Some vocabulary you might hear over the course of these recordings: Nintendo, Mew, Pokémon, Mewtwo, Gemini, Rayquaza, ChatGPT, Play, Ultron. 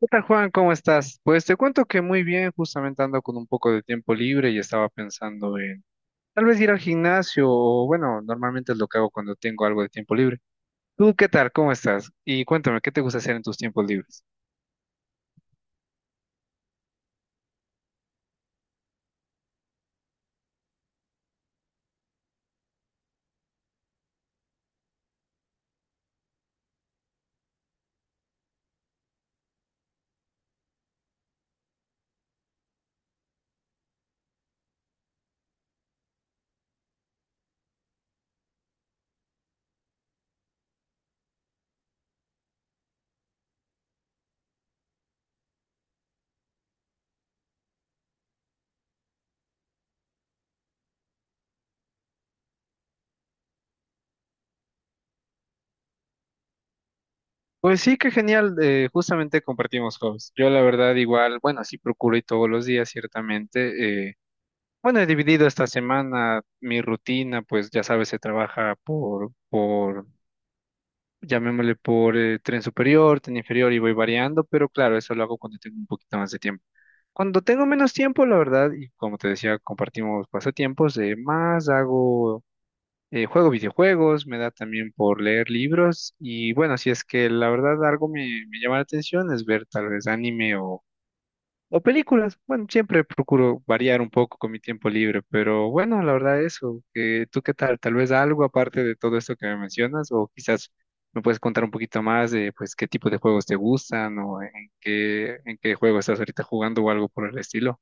¿Qué tal, Juan? ¿Cómo estás? Pues te cuento que muy bien, justamente ando con un poco de tiempo libre y estaba pensando en tal vez ir al gimnasio o bueno, normalmente es lo que hago cuando tengo algo de tiempo libre. ¿Tú qué tal? ¿Cómo estás? Y cuéntame, ¿qué te gusta hacer en tus tiempos libres? Pues sí, qué genial, justamente compartimos hobbies. Yo la verdad igual, bueno, sí procuro ir todos los días, ciertamente. Bueno, he dividido esta semana mi rutina, pues ya sabes, se trabaja por llamémosle por tren superior, tren inferior y voy variando, pero claro, eso lo hago cuando tengo un poquito más de tiempo. Cuando tengo menos tiempo, la verdad, y como te decía, compartimos pasatiempos, más hago, juego videojuegos, me da también por leer libros y bueno, si es que la verdad me llama la atención es ver tal vez anime o películas, bueno, siempre procuro variar un poco con mi tiempo libre, pero bueno, la verdad eso, que tú qué tal, tal vez algo aparte de todo esto que me mencionas, o quizás me puedes contar un poquito más de pues qué tipo de juegos te gustan o en qué juego estás ahorita jugando o algo por el estilo.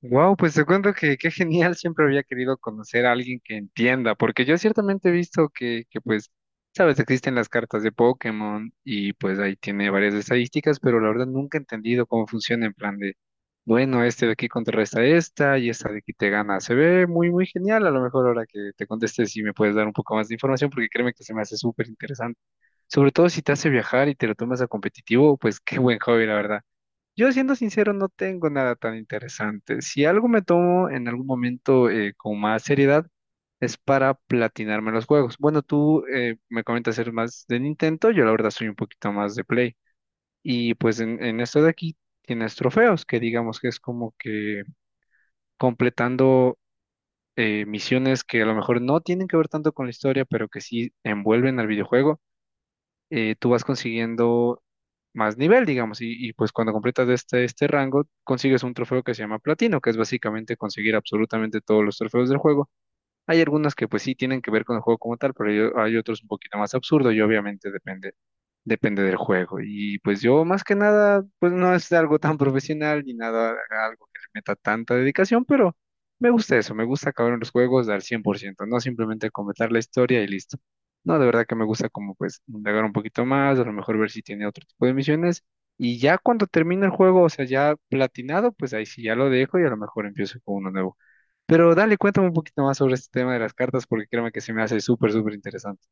Wow, pues te cuento que qué genial, siempre había querido conocer a alguien que entienda, porque yo ciertamente he visto que pues, sabes, existen las cartas de Pokémon y pues ahí tiene varias estadísticas, pero la verdad nunca he entendido cómo funciona en plan de, bueno, este de aquí contrarresta esta y esta de aquí te gana. Se ve muy genial, a lo mejor ahora que te contestes si me puedes dar un poco más de información, porque créeme que se me hace súper interesante, sobre todo si te hace viajar y te lo tomas a competitivo, pues qué buen hobby, la verdad. Yo siendo sincero no tengo nada tan interesante. Si algo me tomo en algún momento con más seriedad es para platinarme los juegos. Bueno, tú me comentas eres más de Nintendo, yo la verdad soy un poquito más de Play. Y pues en esto de aquí tienes trofeos, que digamos que es como que completando misiones que a lo mejor no tienen que ver tanto con la historia, pero que sí envuelven al videojuego. Tú vas consiguiendo más nivel, digamos, pues cuando completas este rango, consigues un trofeo que se llama platino, que es básicamente conseguir absolutamente todos los trofeos del juego. Hay algunos que pues sí tienen que ver con el juego como tal, pero hay otros un poquito más absurdos y obviamente depende del juego. Y pues yo más que nada, pues no es algo tan profesional ni nada, algo que le meta tanta dedicación, pero me gusta eso, me gusta acabar en los juegos al cien por ciento, no simplemente completar la historia y listo. No, de verdad que me gusta como pues indagar un poquito más, a lo mejor ver si tiene otro tipo de misiones. Y ya cuando termina el juego, o sea, ya platinado, pues ahí sí ya lo dejo y a lo mejor empiezo con uno nuevo. Pero dale, cuéntame un poquito más sobre este tema de las cartas, porque créeme que se me hace súper interesante.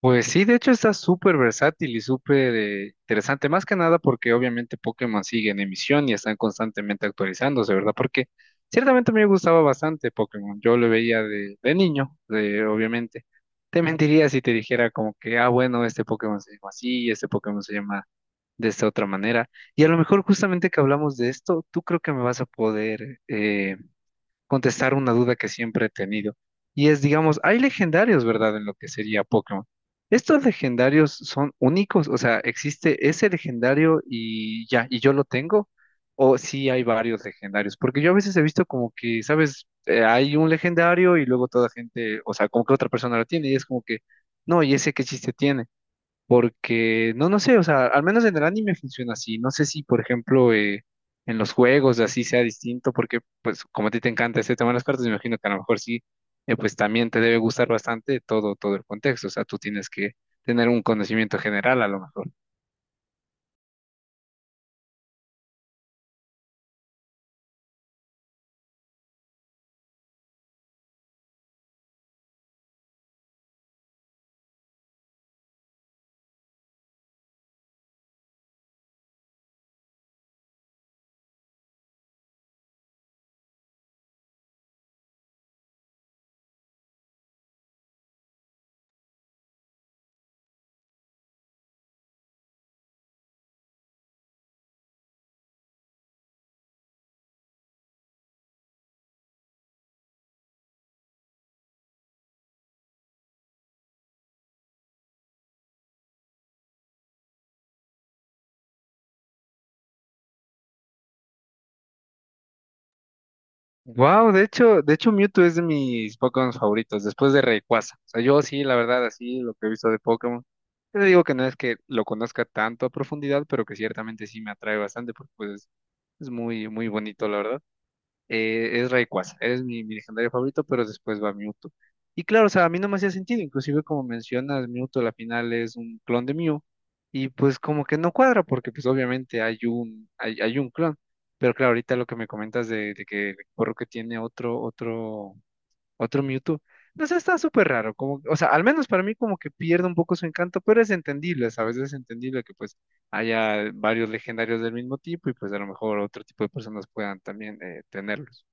Pues sí, de hecho está súper versátil y súper interesante, más que nada porque obviamente Pokémon sigue en emisión y están constantemente actualizándose, ¿verdad? Porque ciertamente me gustaba bastante Pokémon, yo lo veía de niño, de- obviamente. Te mentiría si te dijera como que, ah, bueno, este Pokémon se llama así, este Pokémon se llama de esta otra manera. Y a lo mejor justamente que hablamos de esto, tú creo que me vas a poder contestar una duda que siempre he tenido. Y es, digamos, hay legendarios, ¿verdad? En lo que sería Pokémon. ¿Estos legendarios son únicos? O sea, ¿existe ese legendario y ya, y yo lo tengo? ¿O sí hay varios legendarios? Porque yo a veces he visto como que, ¿sabes? Hay un legendario y luego toda gente, o sea, como que otra persona lo tiene y es como que, no, ¿y ese qué chiste tiene? Porque, no, no sé, o sea, al menos en el anime funciona así. No sé si, por ejemplo, en los juegos así sea distinto, porque, pues, como a ti te encanta este tema de las cartas, me imagino que a lo mejor sí, pues también te debe gustar bastante todo el contexto. O sea, tú tienes que tener un conocimiento general a lo mejor. Wow, de hecho Mewtwo es de mis Pokémon favoritos, después de Rayquaza. O sea, yo sí, la verdad, así lo que he visto de Pokémon. Yo te digo que no es que lo conozca tanto a profundidad, pero que ciertamente sí me atrae bastante, porque es muy bonito, la verdad. Es Rayquaza, eres mi, mi legendario favorito, pero después va Mewtwo. Y claro, o sea, a mí no me hacía sentido, inclusive como mencionas, Mewtwo a la final es un clon de Mew, y pues como que no cuadra, porque pues obviamente hay un, hay un clon, pero claro, ahorita lo que me comentas de que el porro que tiene otro Mewtwo, no sé, está súper raro, como, o sea, al menos para mí como que pierde un poco su encanto, pero es entendible, ¿sabes? Es entendible que pues haya varios legendarios del mismo tipo, y pues a lo mejor otro tipo de personas puedan también tenerlos.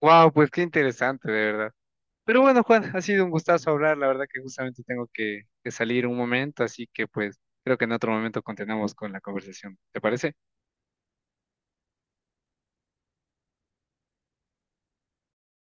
Wow, pues qué interesante, de verdad. Pero bueno, Juan, ha sido un gustazo hablar. La verdad que justamente tengo que salir un momento, así que pues creo que en otro momento continuamos con la conversación. ¿Te parece?